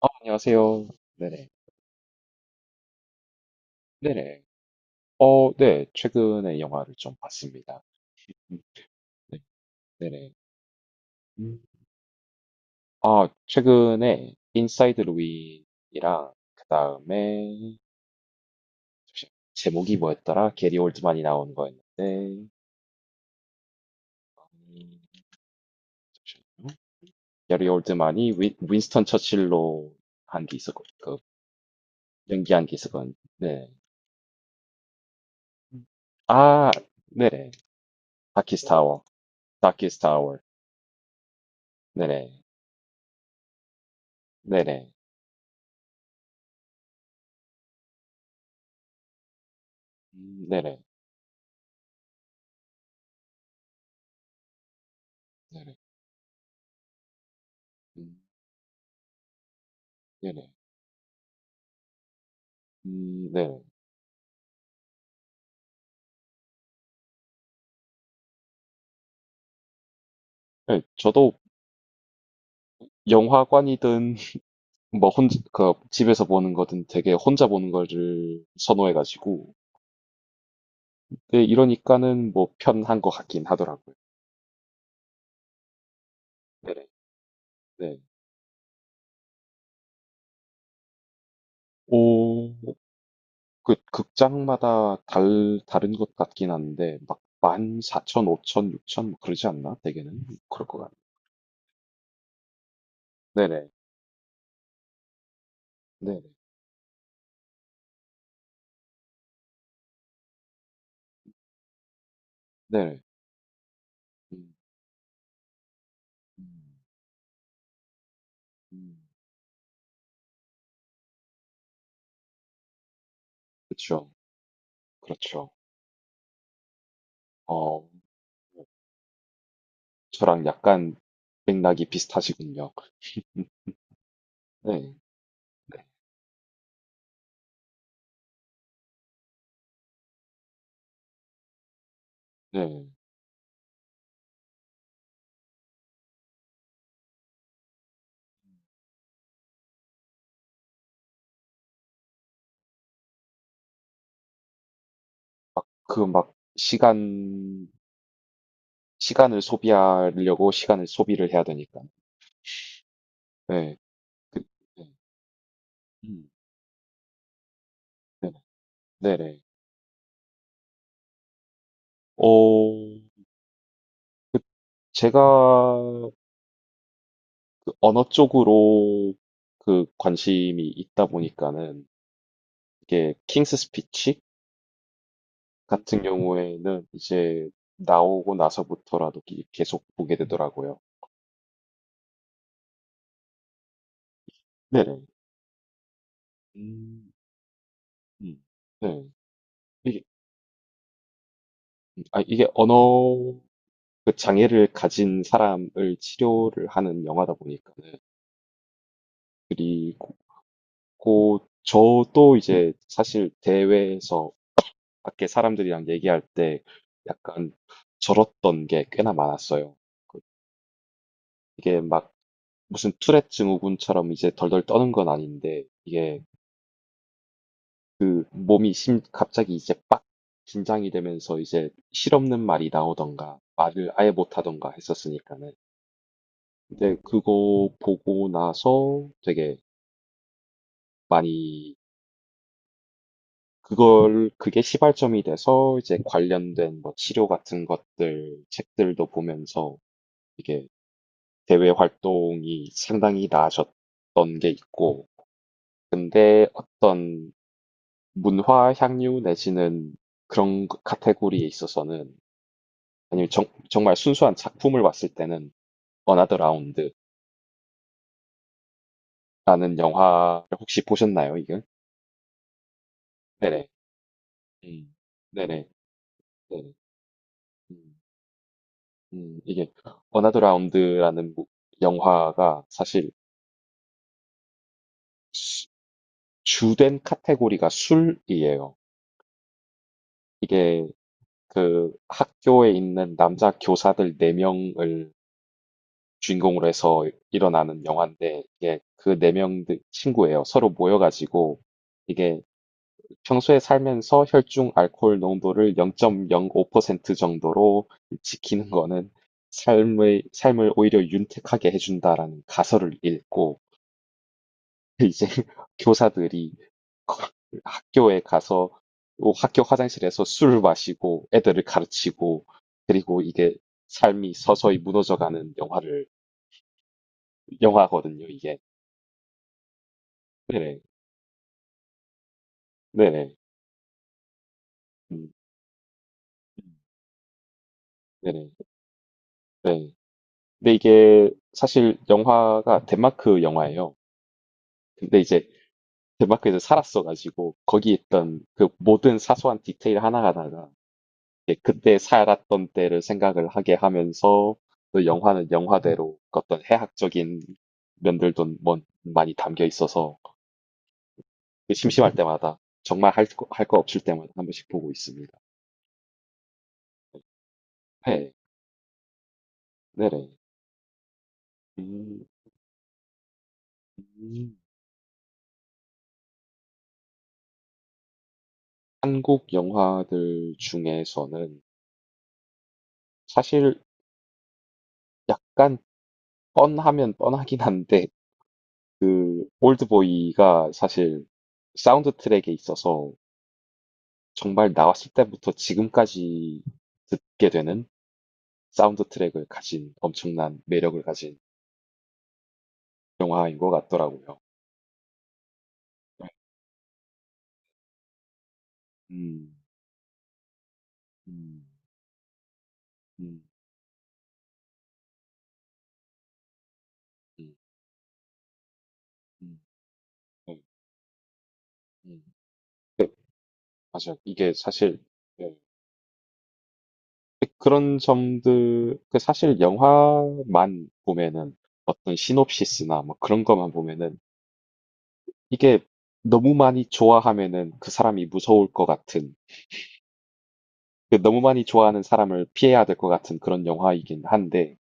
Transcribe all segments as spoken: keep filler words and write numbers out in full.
어, 안녕하세요. 네네. 네네. 어, 네. 최근에 영화를 좀 봤습니다. 음, 네. 네네. 음. 아, 최근에 인사이드 루인이랑 그다음에 제목이 뭐였더라? 게리 올드만이 나온 거였는데 음, 잠시만요. 게리 올드만이 윈, 윈스턴 처칠로 한 게 있었고 그 연기한 게 있었건 네. 음. 아, 네네. 다키스타워. 다키스타워. 네네. 네네. 음, 네네. 네네. 음, 네네. 음, 네. 네, 저도 영화관이든 뭐 혼자 그 집에서 보는 거든 되게 혼자 보는 거를 선호해가지고 네, 이러니까는 뭐 편한 것 같긴 하더라고요. 네네. 네. 오, 그 극장마다 달 다른 것 같긴 한데 막 만, 사천, 오천, 육천 뭐 그러지 않나? 대개는 그럴 것 같네. 네네. 네네. 네네. 음. 음. 음. 그렇죠. 그렇죠. 어. 네. 저랑 약간 맥락이 비슷하시군요. 네, 네. 그 막 시간, 시간을 소비하려고 시간을 소비를 해야 되니까. 네. 그, 네. 음, 네네. 네네. 어, 제가 그 언어 쪽으로 그 관심이 있다 보니까는 이게 킹스 스피치 같은 경우에는 이제 나오고 나서부터라도 기- 계속 보게 되더라고요. 네네. 음. 음. 네. 아, 이게 언어 그 장애를 가진 사람을 치료를 하는 영화다 보니까는 그리고 저도 이제 사실 대회에서 밖에 사람들이랑 얘기할 때 약간 절었던 게 꽤나 많았어요. 그- 이게 막 무슨 투렛 증후군처럼 이제 덜덜 떠는 건 아닌데 이게 그 몸이 심 갑자기 이제 빡 긴장이 되면서 이제 실없는 말이 나오던가 말을 아예 못하던가 했었으니까는 근데 그거 보고 나서 되게 많이 그걸 그게 시발점이 돼서 이제 관련된 뭐 치료 같은 것들 책들도 보면서 이게 대외 활동이 상당히 나아졌던 게 있고 근데 어떤 문화 향유 내지는 그런 카테고리에 있어서는 아니면 정, 정말 순수한 작품을 봤을 때는 어나더 라운드라는 영화를 혹시 보셨나요, 이거? 네네. 음. 네네. 네. 음. 음, 이게 어나더 라운드라는 무- 영화가 사실 수- 주된 카테고리가 술이에요. 이게 그 학교에 있는 남자 교사들 네 명을 주인공으로 해서 일어나는 영화인데 이게 그 네 명 친구예요. 서로 모여가지고 이게 평소에 살면서 혈중 알코올 농도를 영 점 영오 퍼센트 정도로 지키는 거는 삶의, 삶을 오히려 윤택하게 해준다라는 가설을 읽고 이제 교사들이 학교에 가서 뭐 학교 화장실에서 술을 마시고 애들을 가르치고 그리고 이게 삶이 서서히 무너져가는 영화를 영화거든요, 이게. 네네. 네네. 음, 네네. 네. 근데 이게 사실 영화가 덴마크 영화예요. 근데 이제 덴마크에서 살았어가지고 거기 있던 그 모든 사소한 디테일 하나하나가 이렇게 그때 살았던 때를 생각을 하게 하면서 또 영화는 영화대로 그 어떤 해학적인 면들도 뭔- 많이 담겨 있어서 그 심심할 때마다 정말 할 거, 할 거 없을 때마다 한 번씩 보고 있습니다. 네, 네네. 음. 음. 한국 영화들 중에서는 사실 약간 뻔하면 뻔하긴 한데 그 올드보이가 사실 사운드 트랙에 있어서 정말 나왔을 때부터 지금까지 듣게 되는 사운드 트랙을 가진 엄청난 매력을 가진 영화인 것 같더라고요. 음. 음. 음. 음. 음. 음. 음. 맞아요. 이게 사실 예, 그런 점들 그 사실 영화만 보면은 어떤 시놉시스나 뭐 그런 것만 보면은 이게 너무 많이 좋아하면은 그 사람이 무서울 것 같은 그 너무 많이 좋아하는 사람을 피해야 될 것 같은 그런 영화이긴 한데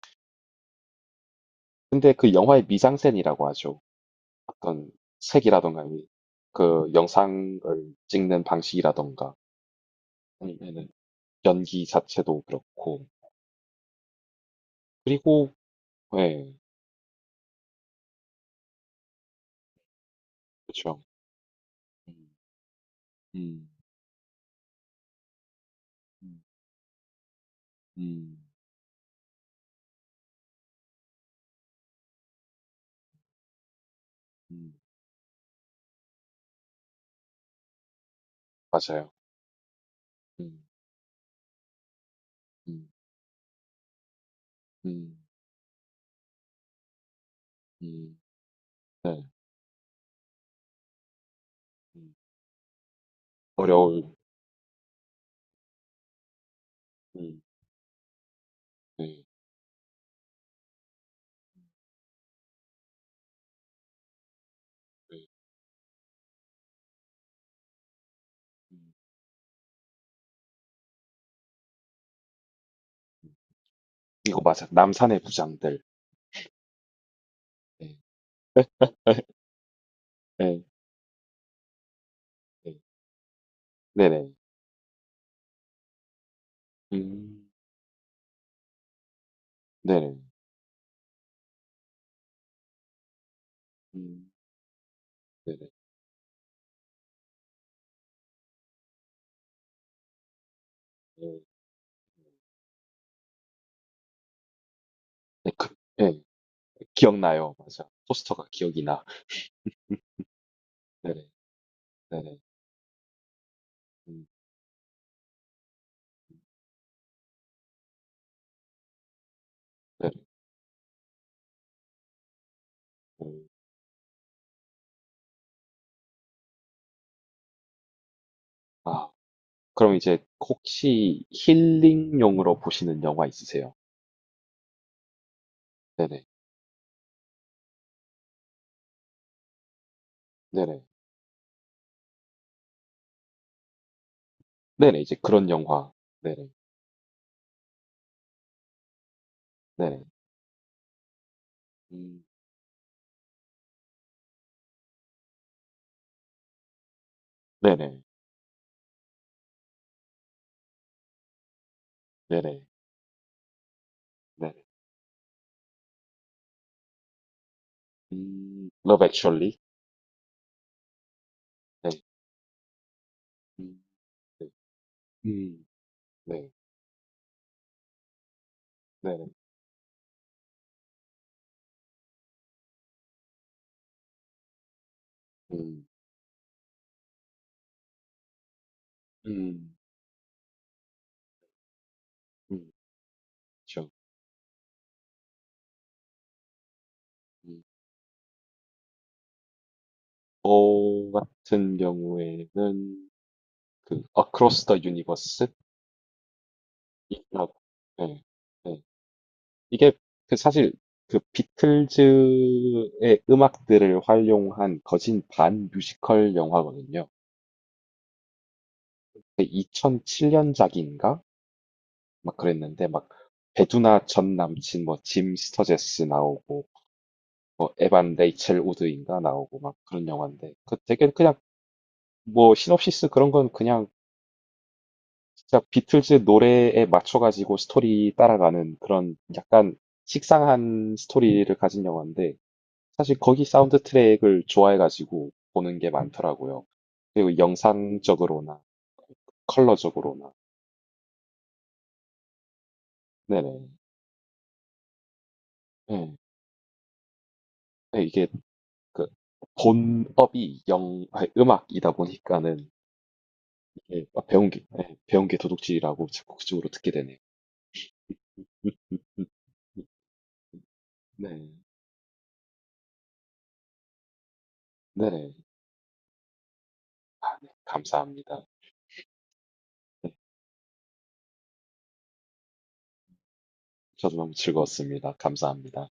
근데 그 영화의 미장센이라고 하죠. 어떤 색이라던가 이그 영상을 찍는 방식이라던가 아니면은 연기 자체도 그렇고 그리고 네, 그렇죠. 음. 음. 음. 음. 음. 맞아요. 음. 음. 음. 음. 네. 음. 어려울. 음. 네. 네. 음. 이거 맞아. 남산의 부장들. 네. 네. 네. 네네. 음. 네네. 음. 네네. 네. 네. 그. 네. 기억나요. 맞아. 포스터가 기억이 나. 네네. 네네. 음. 네네. 음. 아, 그럼 이제 혹시 힐링용으로 보시는 영화 있으세요? 네네. 네네. 네네. 이제 그런 영화. 네네. 네네. 음. 네네. 네네. 네네. 음. Love Actually. 네. 음. 네. 음. 네. 네네. 음. 음. 음. 그렇죠. 음. 저 같은 경우에는 그 Across the Universe? 이라고. 네. 이게 그 사실 그 비틀즈의 음악들을 활용한 거진 반 뮤지컬 영화거든요. 이천칠 년작인가? 막 그랬는데 막 배두나 전 남친 뭐 짐 스터제스 나오고 뭐 에반 레이첼 우드인가 나오고 막 그런 영화인데 그 되게 그냥 뭐 시놉시스 그런 건 그냥 진짜 비틀즈 노래에 맞춰가지고 스토리 따라가는 그런 약간 식상한 스토리를 가진 영화인데 사실 거기 사운드 트랙을 좋아해가지고 보는 게 많더라고요. 그리고 영상적으로나 컬러적으로나. 네네. 네. 네, 이게 그 본업이 영, 아니, 음악이다 보니까는 이게 아, 배운 게, 네, 배운 게 도둑질이라고 자꾸 그쪽으로 듣게 되네요. 음. 음. 음. 음. 네. 네네. 아, 네. 감사합니다. 네, 저도 너무 즐거웠습니다. 감사합니다.